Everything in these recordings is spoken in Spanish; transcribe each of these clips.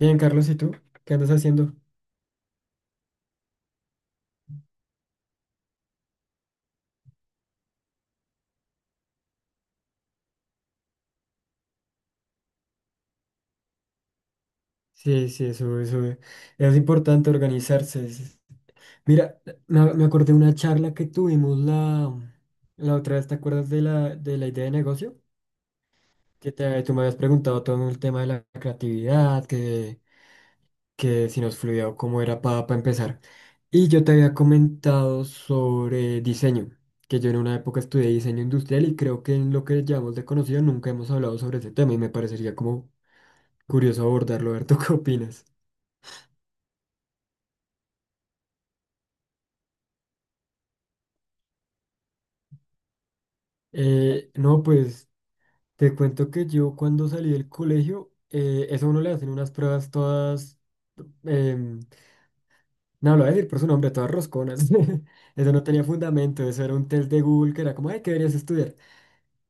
Bien, Carlos, ¿y tú? ¿Qué andas haciendo? Sí, sí, eso, eso es importante organizarse. Mira, me acordé de una charla que tuvimos la otra vez, ¿te acuerdas de la idea de negocio? Que tú me habías preguntado todo el tema de la creatividad, que si nos fluía o cómo era para empezar. Y yo te había comentado sobre diseño, que yo en una época estudié diseño industrial y creo que en lo que llamamos de conocido nunca hemos hablado sobre ese tema y me parecería como curioso abordarlo. A ver, ¿tú qué opinas? No, pues te cuento que yo cuando salí del colegio, eso a uno le hacen unas pruebas todas. em, No, lo voy a decir por su nombre, todas rosconas. Eso no tenía fundamento, eso era un test de Google que era como, ay, ¿qué deberías estudiar?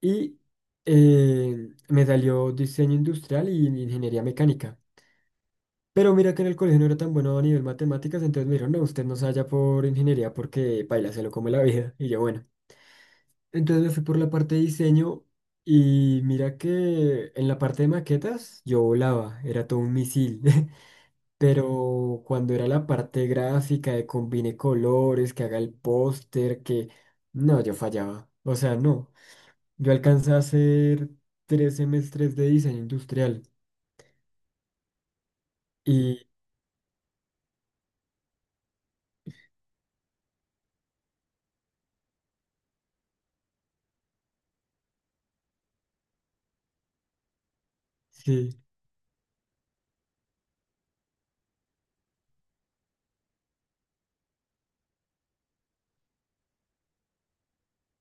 Y me salió diseño industrial y ingeniería mecánica. Pero mira que en el colegio no era tan bueno a nivel matemáticas, entonces me dijeron, no, usted no se vaya por ingeniería porque paila, se lo come la vida. Y yo, bueno. Entonces me fui por la parte de diseño y mira que en la parte de maquetas yo volaba, era todo un misil. Pero cuando era la parte gráfica de combine colores, que haga el póster, que no, yo fallaba. O sea, no. Yo alcancé a hacer tres semestres de diseño industrial y sí,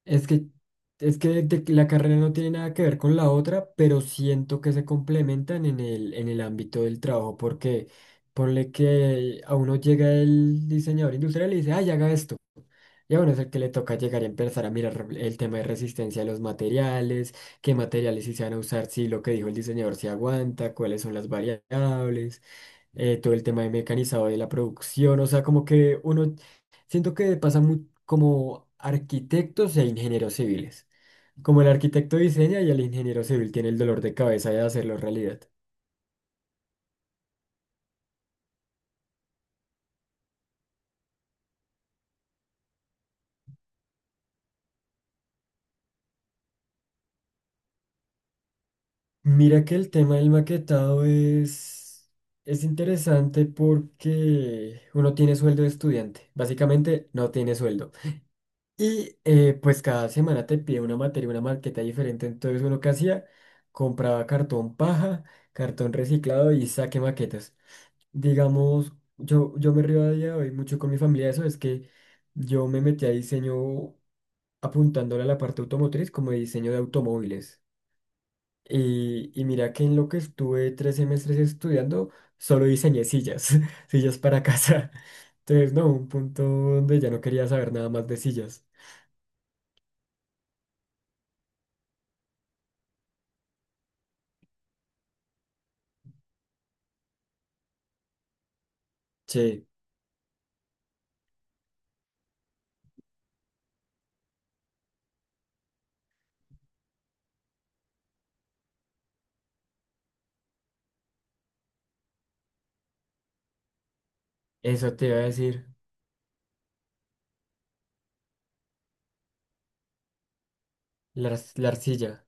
es que es que la carrera no tiene nada que ver con la otra, pero siento que se complementan en el ámbito del trabajo porque ponle que a uno llega el diseñador industrial y dice, "Ay, haga esto." Y a uno es el que le toca llegar y empezar a mirar el tema de resistencia de los materiales, qué materiales sí se van a usar, si lo que dijo el diseñador se aguanta, cuáles son las variables, todo el tema de mecanizado de la producción, o sea, como que uno, siento que pasa muy como arquitectos e ingenieros civiles, como el arquitecto diseña y el ingeniero civil tiene el dolor de cabeza de hacerlo realidad. Mira que el tema del maquetado es interesante porque uno tiene sueldo de estudiante, básicamente no tiene sueldo. Y pues cada semana te pide una materia, una maqueta diferente, entonces uno que hacía, compraba cartón paja, cartón reciclado y saque maquetas. Digamos, yo me río a día de hoy mucho con mi familia de eso, es que yo me metí a diseño apuntándole a la parte automotriz como de diseño de automóviles. Y mira que en lo que estuve tres semestres estudiando, solo diseñé sillas, sillas para casa. Entonces, no, un punto donde ya no quería saber nada más de sillas. Che, eso te iba a decir, la arcilla.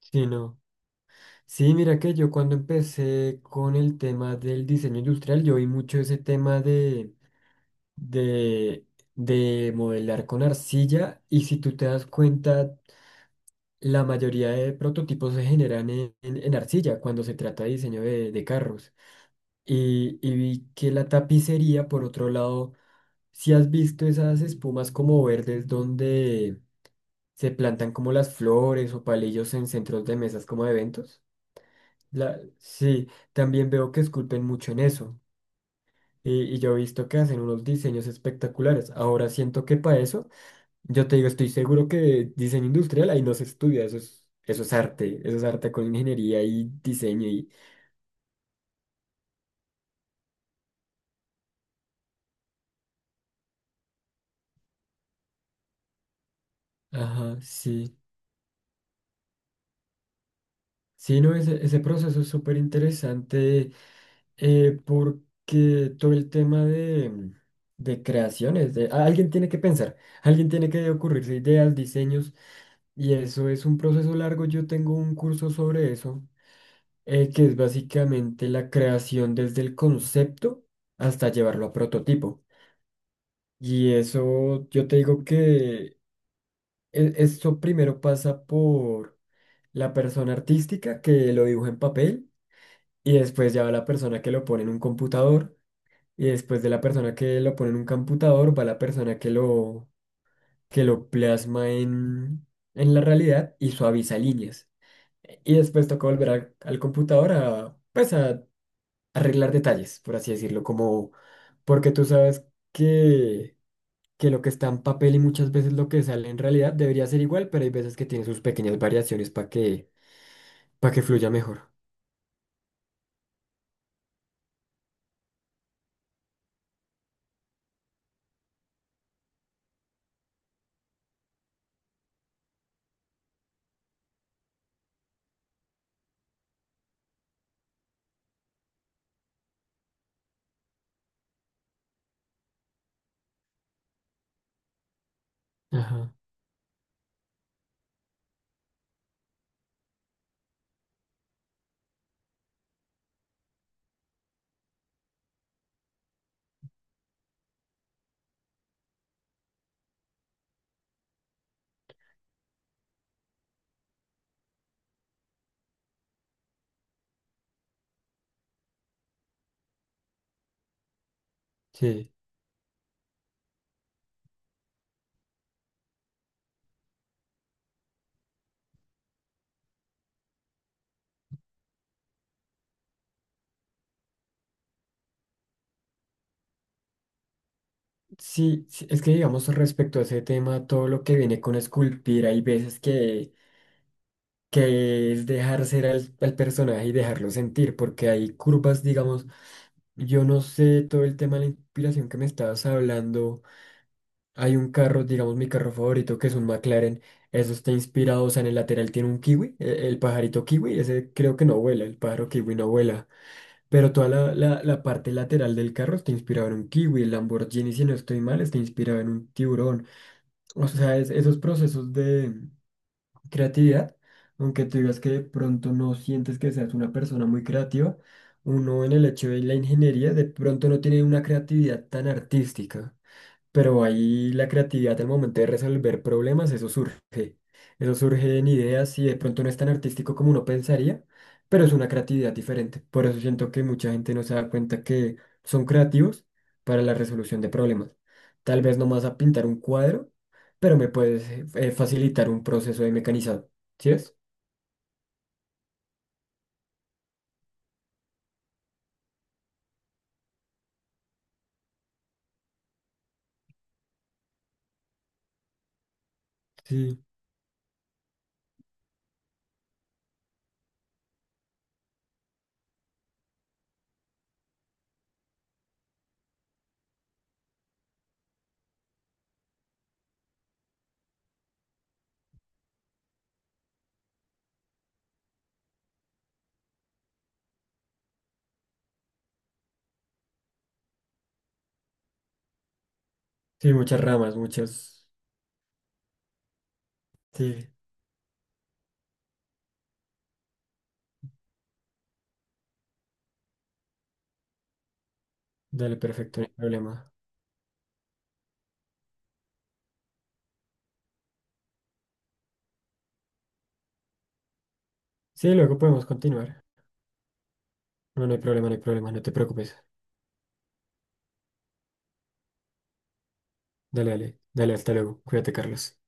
Sí, no. Sí, mira que yo cuando empecé con el tema del diseño industrial, yo vi mucho ese tema de, de modelar con arcilla. Y si tú te das cuenta, la mayoría de prototipos se generan en arcilla cuando se trata de diseño de carros. Y vi que la tapicería, por otro lado, si has visto esas espumas como verdes donde se plantan como las flores o palillos en centros de mesas como de eventos. Sí, también veo que esculpen mucho en eso. Y yo he visto que hacen unos diseños espectaculares. Ahora siento que para eso yo te digo, estoy seguro que diseño industrial ahí no se estudia, eso es arte con ingeniería y diseño y... Ajá, sí. Sí, no, ese proceso es súper interesante porque todo el tema de creaciones, alguien tiene que pensar, alguien tiene que ocurrirse ideas, diseños y eso es un proceso largo. Yo tengo un curso sobre eso, que es básicamente la creación desde el concepto hasta llevarlo a prototipo. Y eso, yo te digo que esto primero pasa por la persona artística que lo dibuja en papel y después ya va la persona que lo pone en un computador y después de la persona que lo pone en un computador va la persona que lo plasma en la realidad y suaviza líneas. Y después toca volver al, al computador a, pues a arreglar detalles, por así decirlo, como porque tú sabes que... que lo que está en papel y muchas veces lo que sale en realidad debería ser igual, pero hay veces que tiene sus pequeñas variaciones para que fluya mejor. Ajá, sí. Sí, sí, es que digamos respecto a ese tema, todo lo que viene con esculpir, hay veces que es dejar ser al, al personaje y dejarlo sentir, porque hay curvas, digamos, yo no sé todo el tema de la inspiración que me estabas hablando. Hay un carro, digamos mi carro favorito, que es un McLaren. Eso está inspirado, o sea, en el lateral tiene un kiwi, el pajarito kiwi, ese creo que no vuela, el pájaro kiwi no vuela. Pero toda la parte lateral del carro está inspirado en un kiwi, el Lamborghini, si no estoy mal, está inspirado en un tiburón. O sea, esos procesos de creatividad, aunque tú digas que de pronto no sientes que seas una persona muy creativa, uno en el hecho de la ingeniería de pronto no tiene una creatividad tan artística pero ahí la creatividad al momento de resolver problemas, eso surge. Eso surge en ideas y de pronto no es tan artístico como uno pensaría, pero es una creatividad diferente. Por eso siento que mucha gente no se da cuenta que son creativos para la resolución de problemas. Tal vez no más a pintar un cuadro, pero me puedes facilitar un proceso de mecanizado. ¿Sí es? Sí, sí, muchas ramas, muchas. Sí, dale, perfecto, no hay problema. Sí, luego podemos continuar. No, no hay problema, no hay problema, no te preocupes. Dale, dale, dale, hasta luego. Cuídate, Carlos.